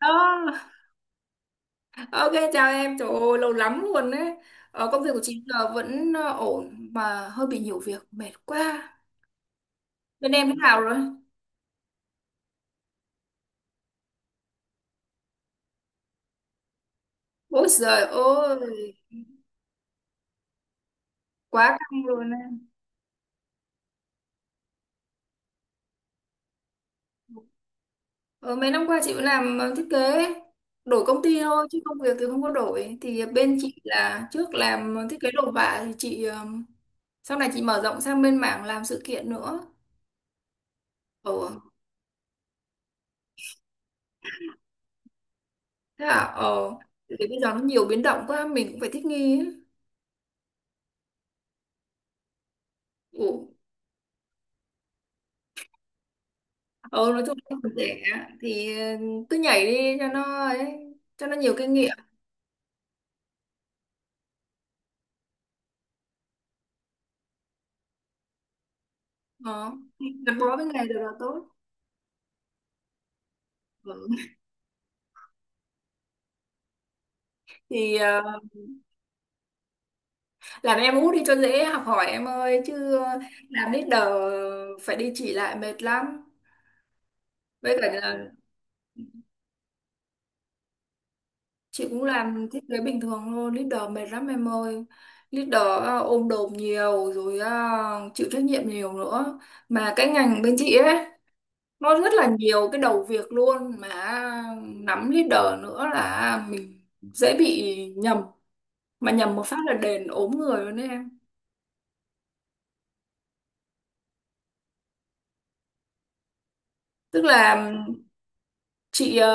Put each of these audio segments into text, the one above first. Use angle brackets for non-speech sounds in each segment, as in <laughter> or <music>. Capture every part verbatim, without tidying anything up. Đó. Ok chào em, trời ơi, lâu lắm luôn đấy. Ờ, công việc của chị giờ vẫn ờ, ổn mà hơi bị nhiều việc, mệt quá. Bên em thế nào rồi? Ôi giời ơi, quá căng luôn á. Ờ, Mấy năm qua chị cũng làm ờ, thiết kế, đổi công ty thôi chứ công việc thì không có đổi. Thì bên chị là trước làm thiết kế đồ họa thì chị ờ, sau này chị mở rộng sang bên mảng làm sự kiện nữa. Ồ, thế à? Ờ, thì bây giờ nó nhiều biến động quá, mình cũng phải thích nghi ấy. Ồ. Ừ, nói chung là còn trẻ thì ờ, cứ nhảy đi cho nó ấy, cho nó nhiều kinh nghiệm. Ờ, gắn bó với nghề được là tốt. Ừ, thì ờ, làm em út đi cho dễ học hỏi em ơi, chứ ờ, làm leader phải đi chỉ lại mệt lắm. Với cả là chị cũng làm thiết kế bình thường thôi, leader mệt lắm em ơi. Leader ờ, ôm đồm nhiều rồi, ờ, chịu trách nhiệm nhiều nữa. Mà cái ngành bên chị ấy nó rất là nhiều cái đầu việc luôn, mà nắm leader nữa là mình dễ bị nhầm, mà nhầm một phát là đền ốm người luôn đấy em. Tức là chị ờ,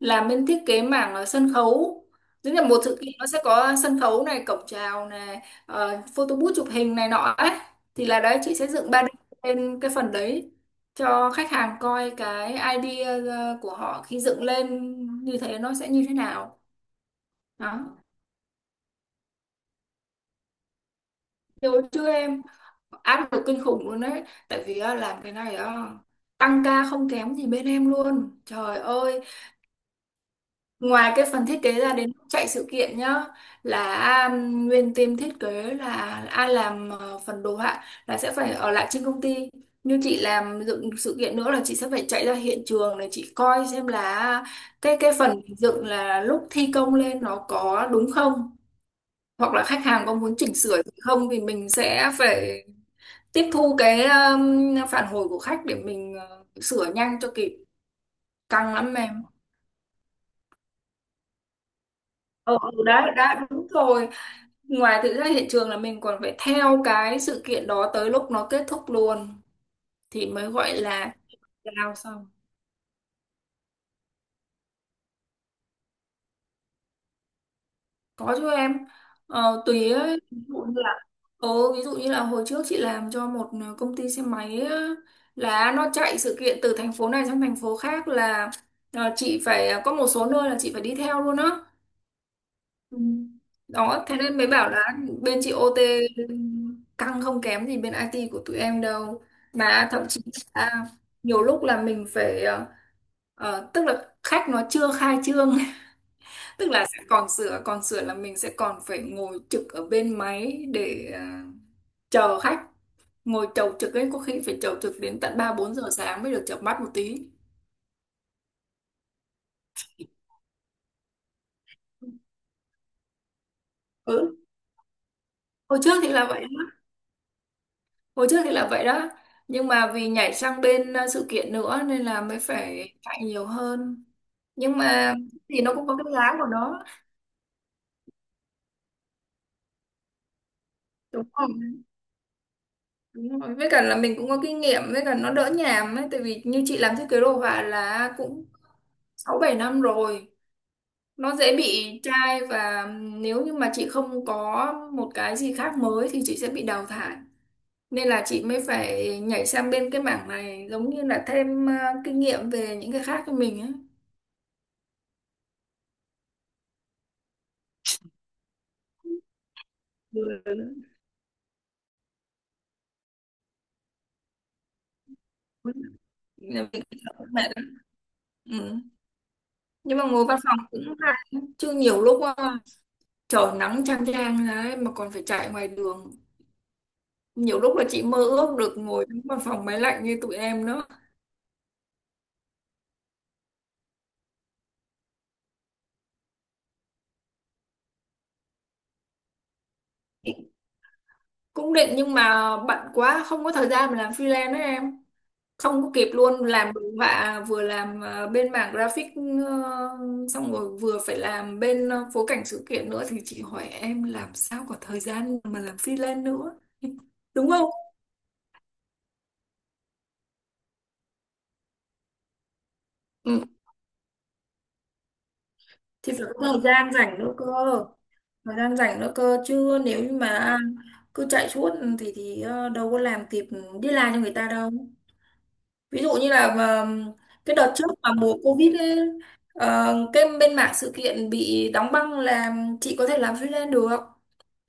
làm bên thiết kế mảng ờ, sân khấu, tức là một sự kiện nó sẽ có sân khấu này, cổng chào này, ờ, photo booth chụp hình này nọ ấy, thì là đấy chị sẽ dựng ba D lên cái phần đấy cho khách hàng coi cái idea ờ, của họ khi dựng lên như thế nó sẽ như thế nào. Đó. Hồi trước em áp lực kinh khủng luôn đấy, tại vì á, làm cái này á, tăng ca không kém gì bên em luôn trời ơi. Ngoài cái phần thiết kế ra, đến lúc chạy sự kiện nhá, là um, nguyên team thiết kế là ai làm ờ, phần đồ họa là sẽ phải ở lại trên công ty. Như chị làm dựng sự kiện nữa là chị sẽ phải chạy ra hiện trường để chị coi xem là à, cái cái phần dựng là lúc thi công lên nó có đúng không, hoặc là khách hàng có muốn chỉnh sửa gì không thì mình sẽ phải tiếp thu cái um, phản hồi của khách để mình ờ, sửa nhanh cho kịp. Căng lắm em. Ừ, ừ, đấy đã đúng rồi. Ngoài thực ra hiện trường là mình còn phải theo cái sự kiện đó tới lúc nó kết thúc luôn thì mới gọi là giao xong. Có chứ em. Ờ, tùy ấy, ví dụ như là ừ, ví dụ như là hồi trước chị làm cho một ờ, công ty xe máy á, là nó chạy sự kiện từ thành phố này sang thành phố khác là ờ, chị phải ờ, có một số nơi là chị phải đi theo luôn á. Ừ. Đó, thế nên mới bảo là bên chị ô tê căng không kém gì bên i tê của tụi em đâu. Mà thậm chí là nhiều lúc là mình phải ờ, ờ, tức là khách nó chưa khai trương, <laughs> tức là sẽ còn sửa, còn sửa là mình sẽ còn phải ngồi trực ở bên máy để ờ, chờ khách, ngồi chầu trực ấy, có khi phải chầu trực đến tận ba bốn giờ sáng mới được chợp mắt một tí. Ừ, hồi trước thì là vậy. Hồi trước thì là vậy đó. Nhưng mà vì nhảy sang bên ờ, sự kiện nữa nên là mới phải chạy nhiều hơn. Nhưng mà thì nó cũng có cái giá của nó. Đúng không? Đúng rồi. Với cả là mình cũng có kinh nghiệm, với cả nó đỡ nhàm ấy. Tại vì như chị làm thiết kế đồ họa là cũng sáu bảy năm rồi. Nó dễ bị chai, và nếu như mà chị không có một cái gì khác mới thì chị sẽ bị đào thải. Nên là chị mới phải nhảy sang bên cái mảng này giống như là thêm ờ, kinh nghiệm về những cái khác cho mình ấy. Ừ. Nên vì cái thợ của mẹ. Ừ, nhưng mà ngồi văn phòng cũng hay, chứ nhiều lúc ờ, trời nắng chang chang đấy mà còn phải chạy ngoài đường, nhiều lúc là chị mơ ước được ngồi trong văn phòng máy lạnh như tụi em nữa. Chị cũng định nhưng mà bận quá, không có thời gian mà làm freelance đấy em. Không có kịp luôn, làm đồ họa vừa làm ờ, bên mảng graphic, ờ, xong rồi vừa phải làm bên ờ, phối cảnh sự kiện nữa, thì chị hỏi em làm sao có thời gian mà làm freelance nữa. <laughs> Đúng không? Thì phải có thời gian rảnh nữa cơ, thời gian rảnh nữa cơ, chứ nếu như mà cứ chạy suốt ừ, thì thì ờ, đâu có làm kịp đi làm cho người ta đâu. Ví dụ như là mà, cái đợt trước mà mùa Covid ấy, ờ, cái bên mảng sự kiện bị đóng băng là chị có thể làm freelance được,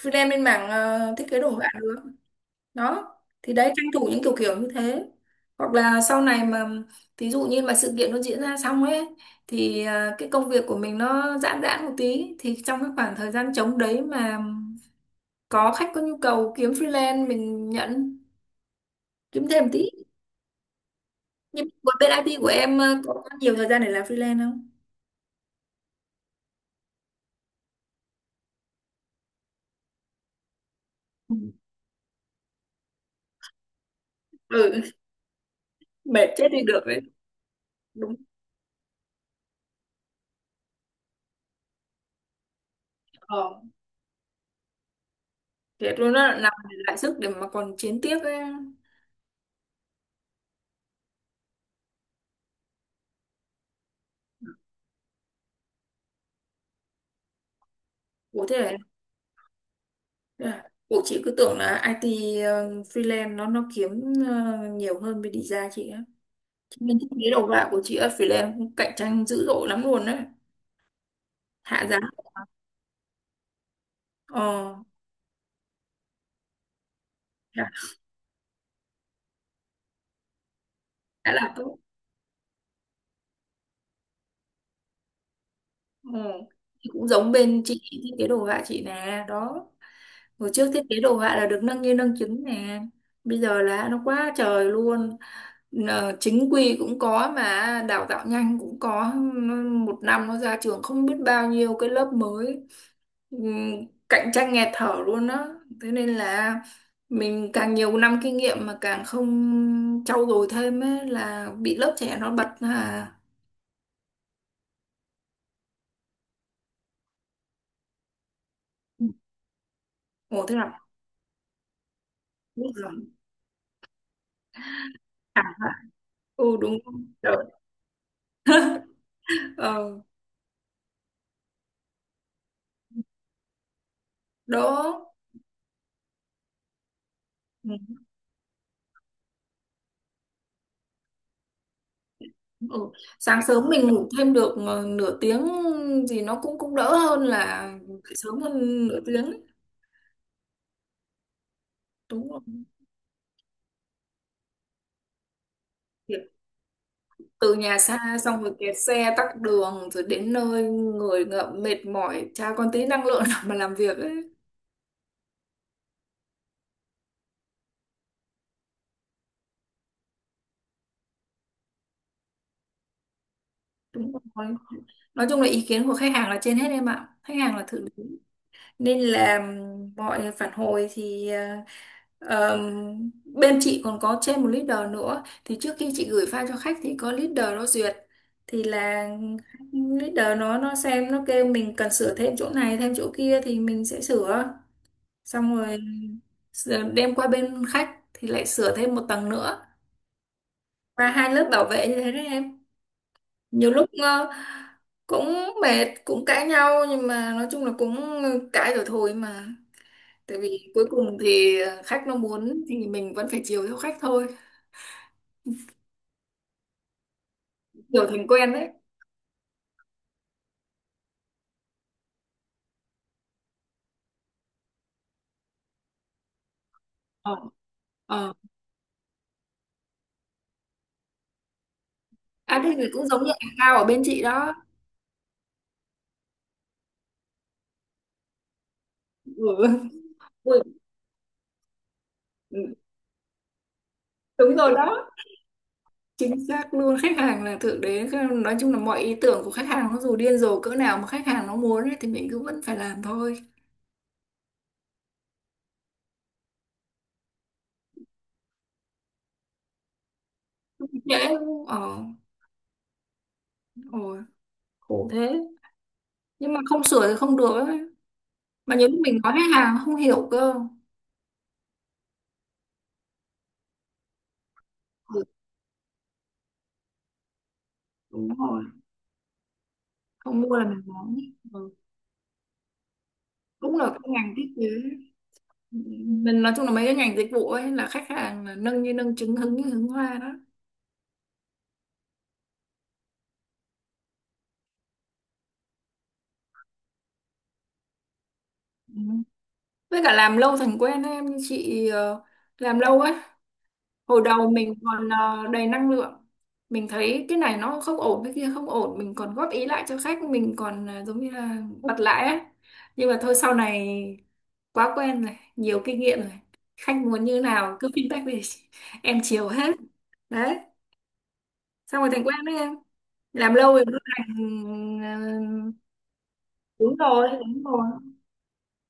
freelance bên mảng ờ, thiết kế đồ họa được. Đó, thì đấy tranh thủ những kiểu kiểu như thế, hoặc là sau này mà thí dụ như mà sự kiện nó diễn ra xong ấy thì à, cái công việc của mình nó giãn giãn một tí, thì trong cái khoảng thời gian trống đấy mà có khách có nhu cầu kiếm freelance mình nhận, kiếm thêm tí. Nhưng mà bên i tê của em à, có nhiều thời gian để làm freelance không? Ừ. Ừ. <laughs> Mệt chết đi được đấy, đúng. Ờ, thế tôi nó lại làm lại sức để mà còn chiến tiếp ấy. Ủa thế là à, bộ chị cứ tưởng là i tê ờ, freelance nó nó kiếm ờ, nhiều hơn bên design chị á. Chị mình thấy cái đầu vào của chị ở freelance cũng cạnh tranh dữ dội lắm luôn đấy. Hạ giá. Ờ, hạ hạ là tốt. Ừ. Thì cũng giống bên chị thiết kế đồ họa chị nè đó, hồi trước thiết kế đồ họa là được nâng như nâng chứng nè, bây giờ là nó quá trời luôn. Nờ, chính quy cũng có mà đào tạo nhanh cũng có. Nó- một năm nó ra trường không biết bao nhiêu cái lớp mới. Ừm, cạnh tranh nghẹt thở luôn á. Thế nên là mình càng nhiều năm kinh nghiệm mà càng không trau dồi thêm ấy, là bị lớp trẻ nó bật à. Ồ thế nào, biết rồi. Ừ đúng rồi. Đỡ. Ờ, đỡ. Ừ. Ừ. Sáng sớm mình ngủ thêm được ờ, nửa tiếng gì nó cũng cũng đỡ hơn là dậy sớm hơn nửa tiếng ấy. Đúng rồi. Việc từ nhà xa xong rồi kẹt xe tắc đường rồi đến nơi người ngợm mệt mỏi chả còn tí năng lượng <laughs> nào mà làm việc ấy. Đúng rồi. Nói chung là ý kiến của khách hàng là trên hết em ạ. Khách hàng là thượng, nên là mọi phản hồi thì ờ, ờm, bên chị còn có trên một leader nữa, thì trước khi chị gửi file cho khách thì có leader nó duyệt, thì là leader nó nó xem nó kêu mình cần sửa thêm chỗ này thêm chỗ kia thì mình sẽ sửa, xong rồi sửa- đem qua bên khách thì lại sửa thêm một tầng nữa, và hai lớp bảo vệ như thế đấy em. Nhiều lúc ờ, cũng mệt cũng cãi nhau, nhưng mà nói chung là cũng ờ, cãi rồi thôi mà, tại vì cuối cùng thì ờ, khách nó muốn thì mình vẫn phải chiều theo khách thôi, kiểu thành quen đấy. Ờ, ờ, à thế thì cũng giống như anh Cao ở bên chị đó. Ừ. <laughs> Ui, ừ, đúng rồi đó, chính xác luôn, khách hàng là thượng đế. Nói chung là mọi ý tưởng của khách hàng nó dù điên rồ cỡ nào mà khách hàng nó muốn ấy, thì mình cứ vẫn phải làm thôi. Dễ. Ờ, ôi khổ thế, nhưng mà không sửa thì không được ấy, mà nhiều lúc mình nói khách hàng nó không hiểu cơ. Ừ, đúng rồi. Không mua là mình nói. Ừ. Cũng là cái ngành thiết kế, mình nói chung là mấy cái ngành dịch vụ ấy là khách hàng là nâng như nâng trứng hứng như hứng hoa đó. Ừ. Với cả làm lâu thành quen ấy, em, như chị ờ, làm lâu ấy, hồi đầu mình còn ờ, đầy năng lượng, mình thấy cái này nó không ổn cái kia không ổn, mình còn góp ý lại cho khách, mình còn ờ, giống như là bật lại ấy. Nhưng mà thôi sau này quá quen rồi, nhiều kinh nghiệm rồi, khách muốn như nào cứ feedback về, <laughs> em chiều hết. Đấy, xong rồi thành quen đấy em, làm lâu rồi nó thành. Đúng rồi, đúng rồi.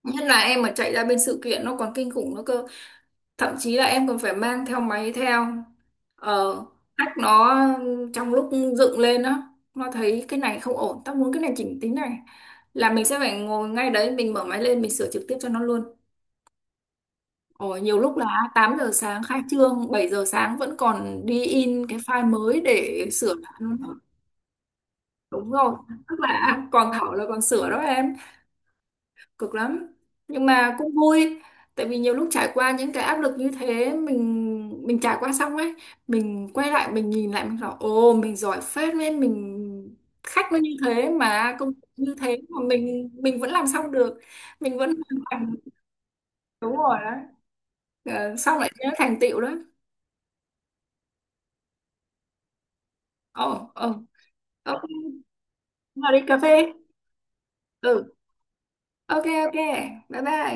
Nhất là em mà chạy ra bên sự kiện nó còn kinh khủng nữa cơ. Thậm chí là em còn phải mang theo máy theo. Ờ, hack nó trong lúc dựng lên á, nó thấy cái này không ổn, tao muốn cái này chỉnh tính này. Là mình sẽ phải ngồi ngay đấy, mình mở máy lên, mình sửa trực tiếp cho nó luôn. Ồ, nhiều lúc là tám giờ sáng khai trương, bảy giờ sáng vẫn còn đi in cái file mới để sửa lại luôn. Đúng rồi, tức là à, còn thảo là còn sửa đó em. Cực lắm, nhưng mà cũng vui, tại vì nhiều lúc trải qua những cái áp lực như thế, mình mình trải qua xong ấy, mình quay lại mình nhìn lại mình bảo ồ mình giỏi phết, nên mình, khách nó như thế mà công việc như thế mà mình mình vẫn làm xong được, mình vẫn hoàn thành, đúng rồi đó. Ờ, xong lại nhớ thành tựu đó. Ồ ồ, ok, vào đi cà phê. Ừ, ok ok, bye bye.